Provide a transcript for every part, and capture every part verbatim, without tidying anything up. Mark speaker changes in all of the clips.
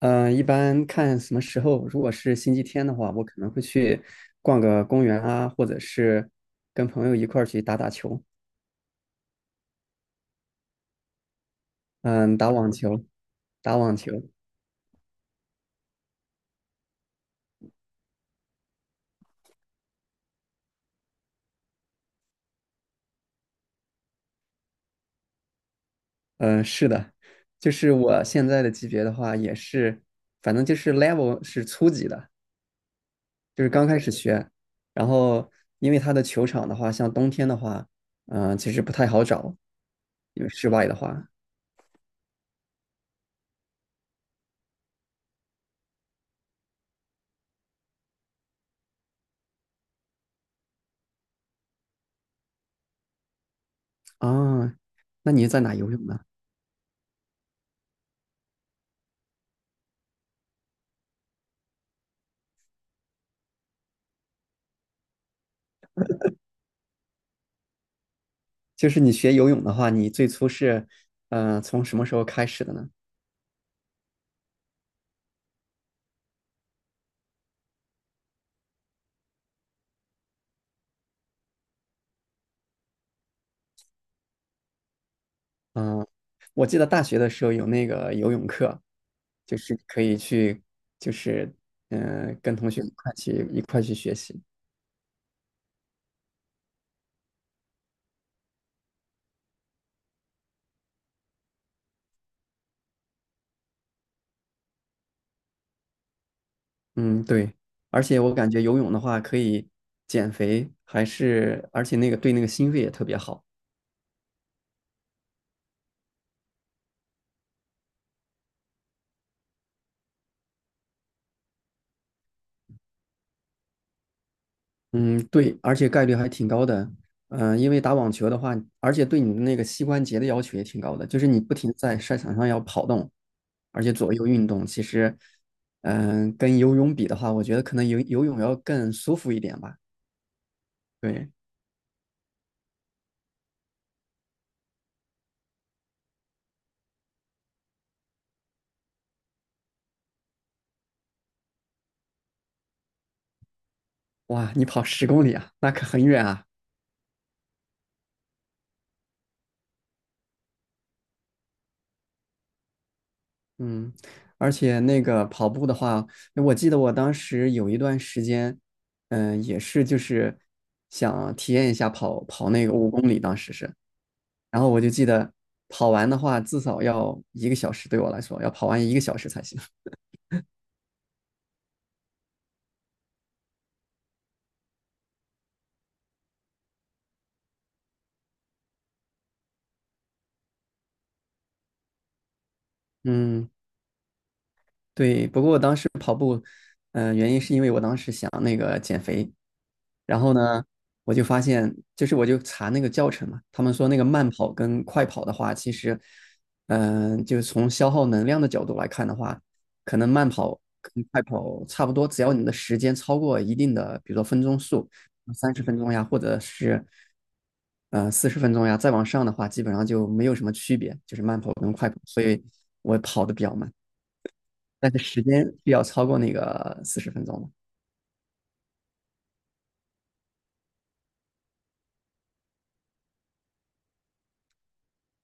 Speaker 1: 嗯，一般看什么时候，如果是星期天的话，我可能会去逛个公园啊，或者是跟朋友一块儿去打打球，嗯，打网球，打网球，嗯，是的，就是我现在的级别的话，也是，反正就是 level 是初级的，就是刚开始学，然后因为它的球场的话，像冬天的话，嗯，其实不太好找，因为室外的话，啊，那你在哪游泳呢？就是你学游泳的话，你最初是，呃，从什么时候开始的呢？嗯、我记得大学的时候有那个游泳课，就是可以去，就是，嗯、跟同学一块去一块去学习。嗯，对，而且我感觉游泳的话可以减肥，还是而且那个对那个心肺也特别好。嗯，对，而且概率还挺高的。嗯、因为打网球的话，而且对你的那个膝关节的要求也挺高的，就是你不停地在赛场上要跑动，而且左右运动。其实，嗯、跟游泳比的话，我觉得可能游游泳要更舒服一点吧。对，哇，你跑十公里啊，那可很远啊。嗯，而且那个跑步的话，我记得我当时有一段时间，嗯、也是就是想体验一下跑跑那个五公里，当时是，然后我就记得跑完的话，至少要一个小时，对我来说要跑完一个小时才行。嗯，对，不过我当时。跑。嗯、原因是因为我当时想那个减肥，然后呢，我就发现，就是我就查那个教程嘛，他们说那个慢跑跟快跑的话，其实，嗯、就是从消耗能量的角度来看的话，可能慢跑跟快跑差不多，只要你的时间超过一定的，比如说分钟数，三十分钟呀，或者是呃四十分钟呀，再往上的话，基本上就没有什么区别，就是慢跑跟快跑，所以我跑的比较慢，但是时间是要超过那个四十分钟的。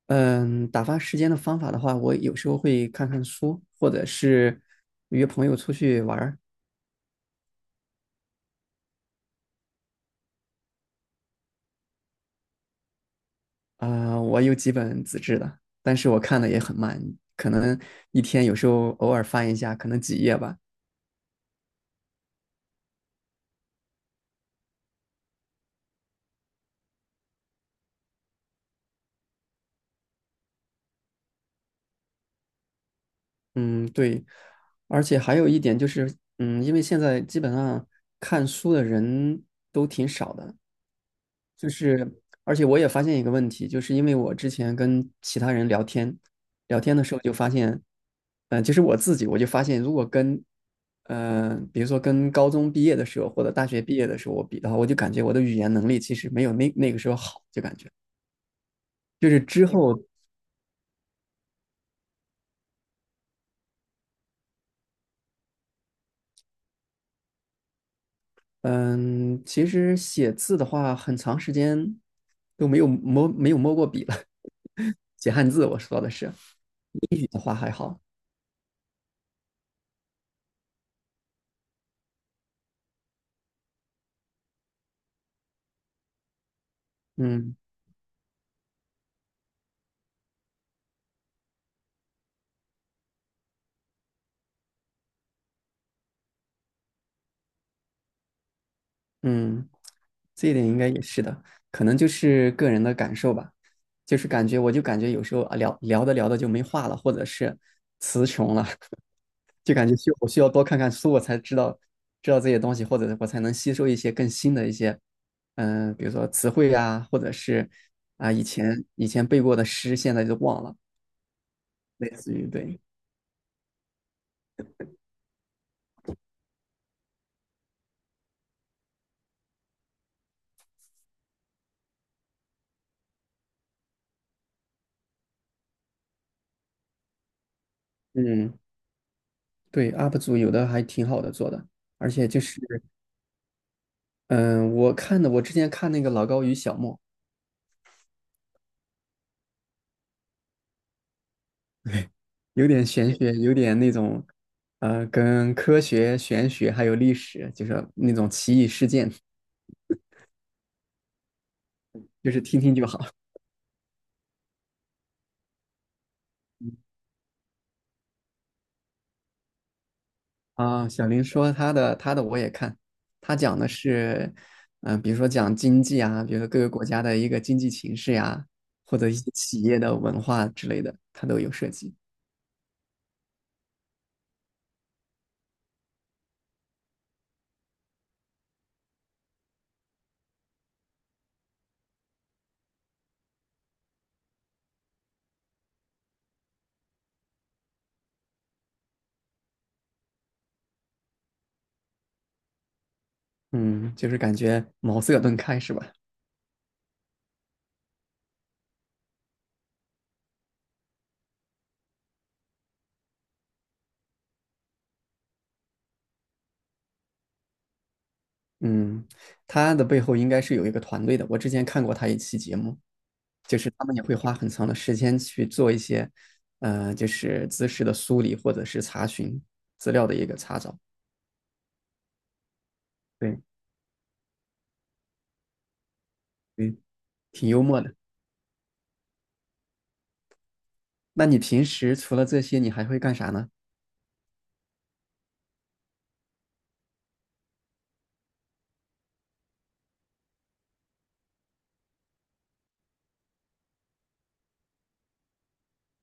Speaker 1: 嗯，打发时间的方法的话，我有时候会看看书，或者是约朋友出去玩儿。啊、我有几本纸质的，但是我看的也很慢，可能一天有时候偶尔翻一下，可能几页吧。嗯，对。而且还有一点就是，嗯，因为现在基本上看书的人都挺少的，就是，而且我也发现一个问题，就是因为我之前跟其他人聊天，聊天的时候就发现，嗯、其实我自己我就发现，如果跟，呃，比如说跟高中毕业的时候或者大学毕业的时候我比的话，我就感觉我的语言能力其实没有那那个时候好，就感觉就是之后，嗯、其实写字的话，很长时间都没有摸没有摸过笔了，写汉字我说的是，英语的话还好，嗯。嗯，这一点应该也是的，可能就是个人的感受吧，就是感觉我就感觉有时候啊聊聊着聊着就没话了，或者是词穷了，就感觉需我需要多看看书，我才知道知道这些东西，或者我才能吸收一些更新的一些，嗯、比如说词汇啊，或者是啊以前以前背过的诗，现在就忘了，类似于对，嗯，对，U P 主有的还挺好的做的，而且就是嗯、呃我看的我之前看那个老高与小莫。有点玄学，有点那种，呃，跟科学、玄学还有历史，就是那种奇异事件，就是听听就好 啊。小林说他的，他的我也看，他讲的是，嗯、比如说讲经济啊，比如说各个国家的一个经济形势呀、或者一些企业的文化之类的，他都有涉及。嗯，就是感觉茅塞顿开是吧？嗯，他的背后应该是有一个团队的，我之前看过他一期节目。就是他们也会花很长的时间去做一些，呃，就是知识的梳理或者是查询资料的一个查找。对，对，挺幽默的。那你平时除了这些，你还会干啥呢？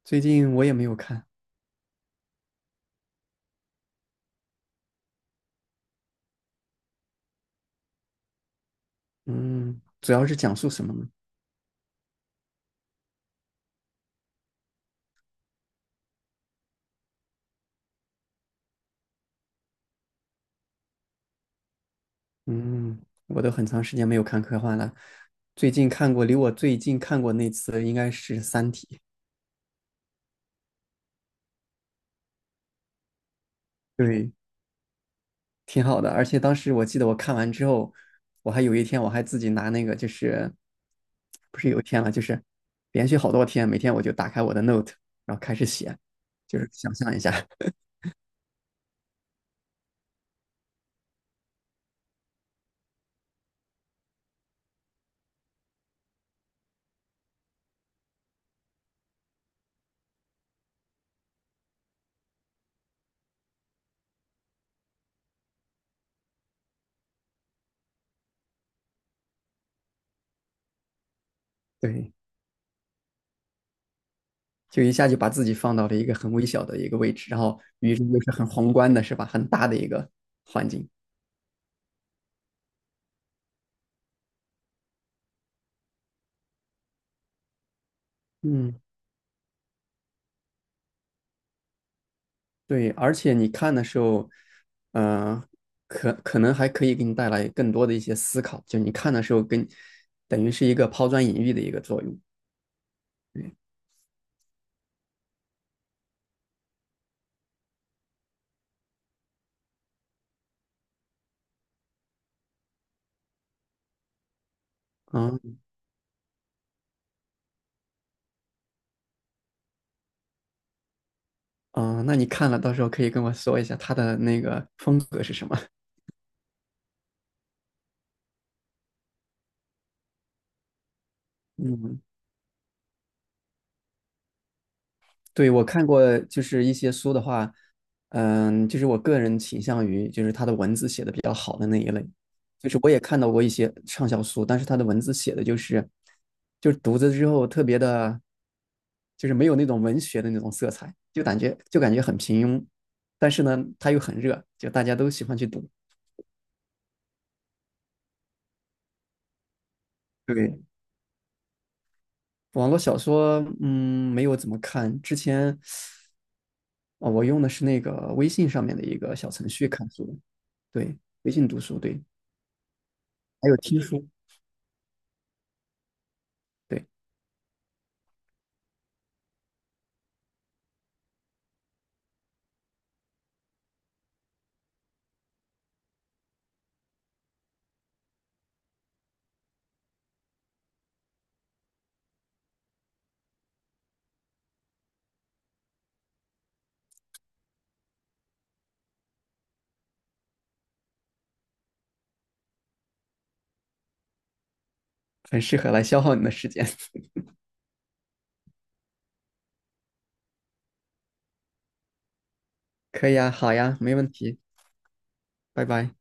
Speaker 1: 最近我也没有看，嗯，主要是讲述什么呢？嗯，我都很长时间没有看科幻了。最近看过，离我最近看过那次应该是《三体》。对，挺好的。而且当时我记得我看完之后，我还有一天我还自己拿那个就是不是有一天了，就是连续好多天，每天我就打开我的 Note，然后开始写，就是想象一下，对，就一下就把自己放到了一个很微小的一个位置，然后于是又是很宏观的，是吧？很大的一个环境。嗯，对，而且你看的时候，嗯、可可能还可以给你带来更多的一些思考，就你看的时候跟等于是一个抛砖引玉的一个作用。嗯，嗯，那你看了，到时候可以跟我说一下他的那个风格是什么？嗯，对，我看过，就是一些书的话，嗯，就是我个人倾向于就是他的文字写的比较好的那一类，就是我也看到过一些畅销书，但是他的文字写的就是，就是读着之后特别的，就是没有那种文学的那种色彩，就感觉就感觉很平庸，但是呢，他又很热，就大家都喜欢去读。对，网络小说，嗯，没有怎么看。之前哦，我用的是那个微信上面的一个小程序看书的，对，微信读书，对，还有听书，对，很适合来消耗你的时间。可以啊，好呀，没问题，拜拜。